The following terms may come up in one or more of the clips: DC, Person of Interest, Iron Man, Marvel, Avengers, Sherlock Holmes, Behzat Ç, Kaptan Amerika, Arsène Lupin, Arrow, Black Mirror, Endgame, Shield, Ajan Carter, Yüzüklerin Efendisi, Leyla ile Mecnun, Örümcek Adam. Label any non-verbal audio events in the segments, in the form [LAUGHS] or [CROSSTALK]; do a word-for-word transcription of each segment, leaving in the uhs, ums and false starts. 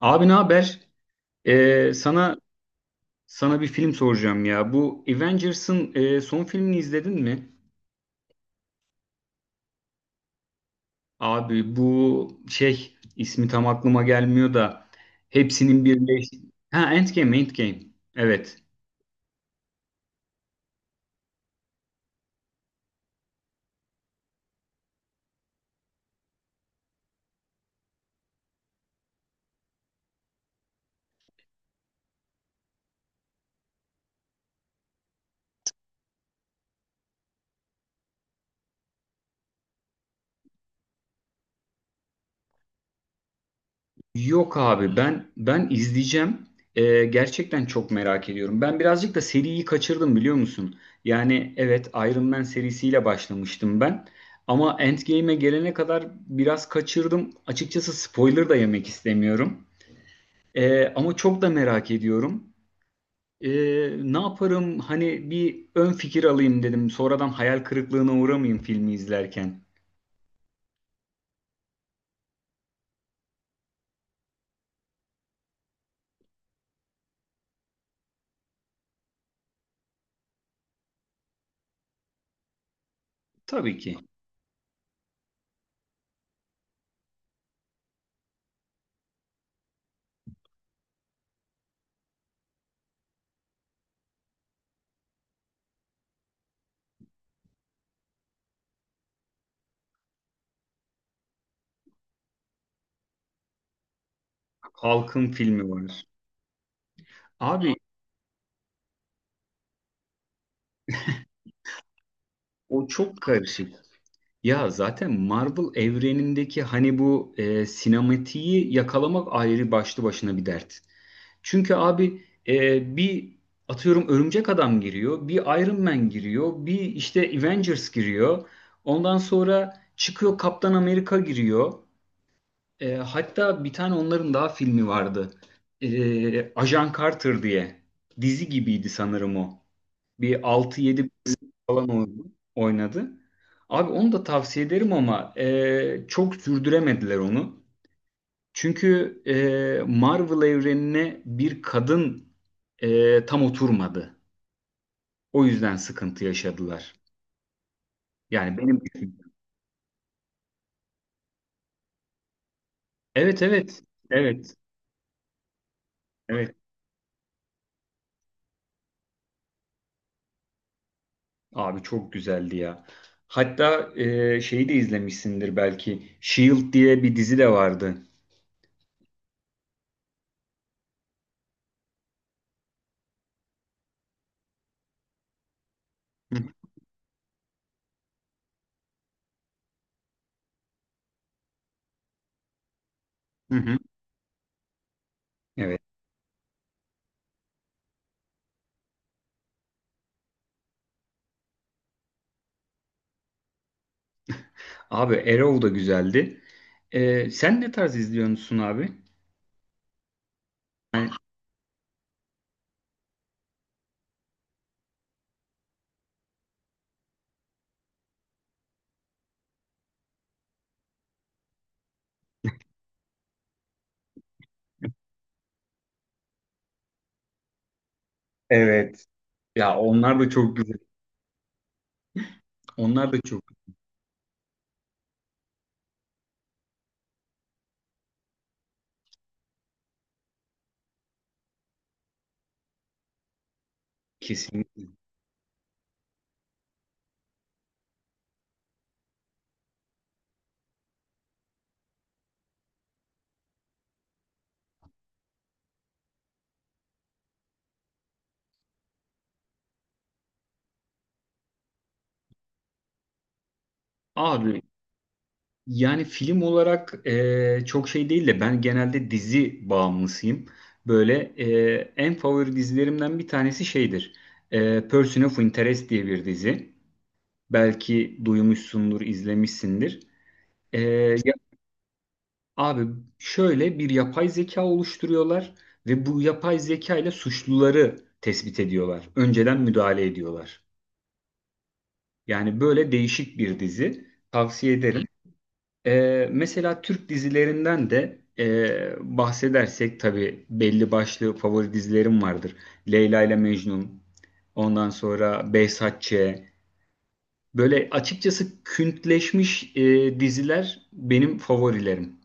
Abi ne haber? Ee, sana sana bir film soracağım ya. Bu Avengers'ın e, son filmini izledin mi? Abi bu şey ismi tam aklıma gelmiyor da hepsinin birleş. Ha Endgame, Endgame. Evet. Yok abi ben ben izleyeceğim. Ee, gerçekten çok merak ediyorum. Ben birazcık da seriyi kaçırdım biliyor musun? Yani evet Iron Man serisiyle başlamıştım ben. Ama Endgame'e gelene kadar biraz kaçırdım. Açıkçası spoiler da yemek istemiyorum. Ee, ama çok da merak ediyorum. Ee, Ne yaparım? Hani bir ön fikir alayım dedim. Sonradan hayal kırıklığına uğramayayım filmi izlerken. Tabii ki. Halkın filmi var. Abi o çok karışık. Ya zaten Marvel evrenindeki hani bu e, sinematiği yakalamak ayrı başlı başına bir dert. Çünkü abi e, bir atıyorum Örümcek Adam giriyor, bir Iron Man giriyor, bir işte Avengers giriyor. Ondan sonra çıkıyor Kaptan Amerika giriyor. E, hatta bir tane onların daha filmi vardı. E, Ajan Carter diye. Dizi gibiydi sanırım o. Bir altı yedi falan oynadı. oynadı. Abi onu da tavsiye ederim ama e, çok sürdüremediler onu. Çünkü e, Marvel evrenine bir kadın e, tam oturmadı. O yüzden sıkıntı yaşadılar. Yani benim. Evet, evet. Evet. Evet. Abi çok güzeldi ya. Hatta e, şeyi de izlemişsindir belki. Shield diye bir dizi de vardı. Hı hı. Evet. Abi Arrow da güzeldi. E, sen ne tarz izliyorsun abi? Evet. Ya onlar da çok güzel. Onlar da çok kesinlikle. Abi yani film olarak e, çok şey değil de ben genelde dizi bağımlısıyım. Böyle e, en favori dizilerimden bir tanesi şeydir. E, Person of Interest diye bir dizi. Belki duymuşsundur, izlemişsindir. E, ya- abi şöyle bir yapay zeka oluşturuyorlar ve bu yapay zeka ile suçluları tespit ediyorlar. Önceden müdahale ediyorlar. Yani böyle değişik bir dizi. Tavsiye ederim. Ee, mesela Türk dizilerinden de e, bahsedersek tabii belli başlı favori dizilerim vardır. Leyla ile Mecnun, ondan sonra Behzat Ç. Böyle açıkçası küntleşmiş e, diziler benim favorilerim.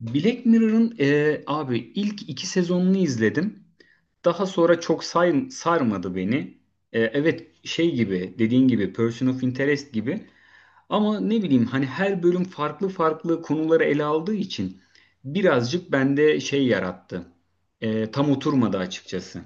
Black Mirror'ın e, abi ilk iki sezonunu izledim. Daha sonra çok say- sarmadı beni. E, evet şey gibi dediğin gibi Person of Interest gibi. Ama ne bileyim hani her bölüm farklı farklı konuları ele aldığı için birazcık bende şey yarattı. Ee, tam oturmadı açıkçası.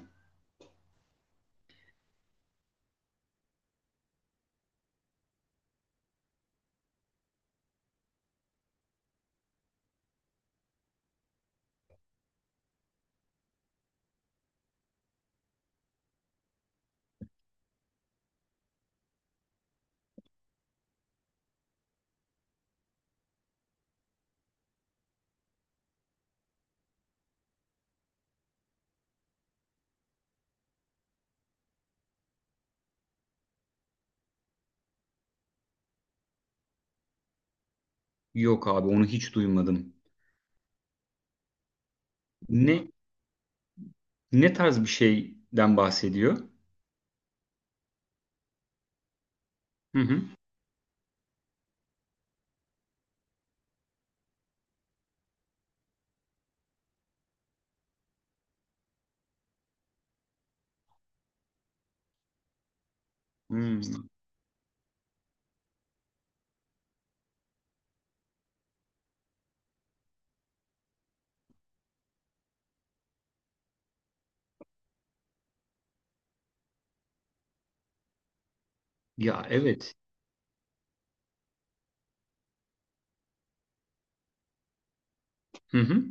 Yok abi onu hiç duymadım. Ne Ne tarz bir şeyden bahsediyor? Hı hı. Hmm. Ya evet. Hı hı.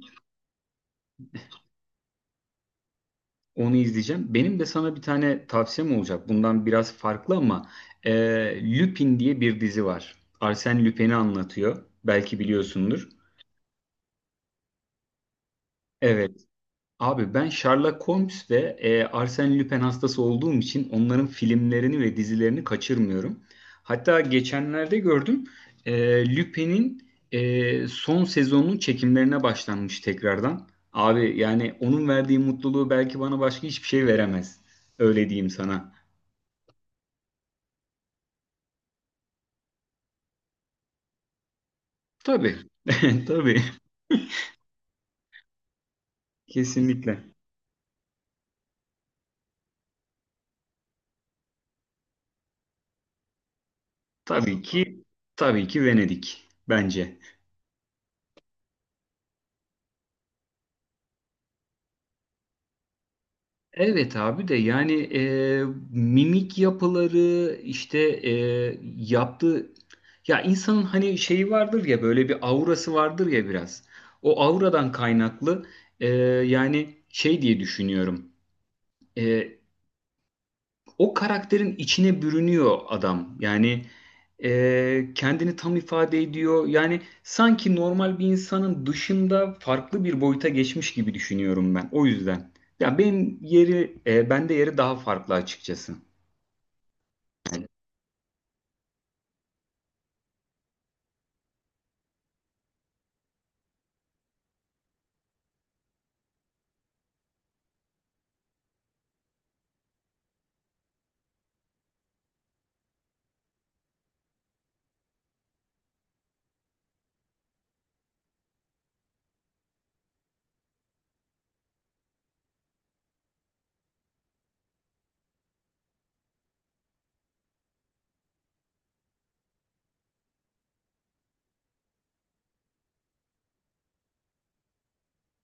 Onu izleyeceğim. Benim de sana bir tane tavsiyem olacak. Bundan biraz farklı ama e, Lupin diye bir dizi var. Arsène Lupin'i anlatıyor. Belki biliyorsundur. Evet. Abi ben Sherlock Holmes ve e, Arsène Lupin hastası olduğum için onların filmlerini ve dizilerini kaçırmıyorum. Hatta geçenlerde gördüm e, Lupin'in e, son sezonun çekimlerine başlanmış tekrardan. Abi yani onun verdiği mutluluğu belki bana başka hiçbir şey veremez. Öyle diyeyim sana. Tabii. [LAUGHS] Tabii. Kesinlikle. Tabii ki, tabii ki Venedik bence. Evet abi de yani e, mimik yapıları işte e, yaptığı ya insanın hani şeyi vardır ya böyle bir aurası vardır ya biraz. O auradan kaynaklı e, yani şey diye düşünüyorum. E, O karakterin içine bürünüyor adam. Yani e, kendini tam ifade ediyor. Yani sanki normal bir insanın dışında farklı bir boyuta geçmiş gibi düşünüyorum ben. O yüzden. Ya benim yeri, e, bende yeri daha farklı açıkçası.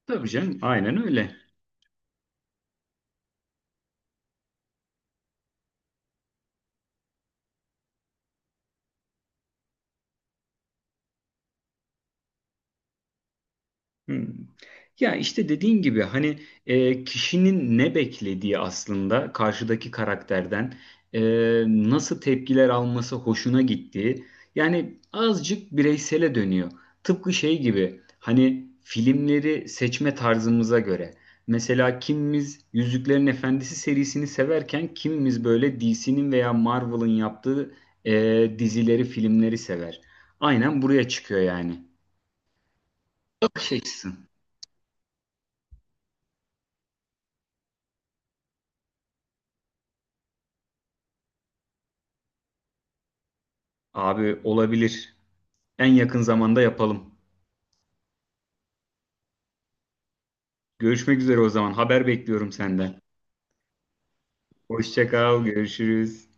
Tabii canım, aynen öyle. Hmm. Ya işte dediğin gibi hani e, kişinin ne beklediği aslında karşıdaki karakterden e, nasıl tepkiler alması hoşuna gittiği yani azıcık bireysele dönüyor. Tıpkı şey gibi hani filmleri seçme tarzımıza göre. Mesela kimimiz Yüzüklerin Efendisi serisini severken kimimiz böyle D C'nin veya Marvel'ın yaptığı e, dizileri, filmleri sever. Aynen buraya çıkıyor yani. Bakış açısı. Abi olabilir. En yakın zamanda yapalım. Görüşmek üzere o zaman. Haber bekliyorum senden. Hoşça kal, görüşürüz.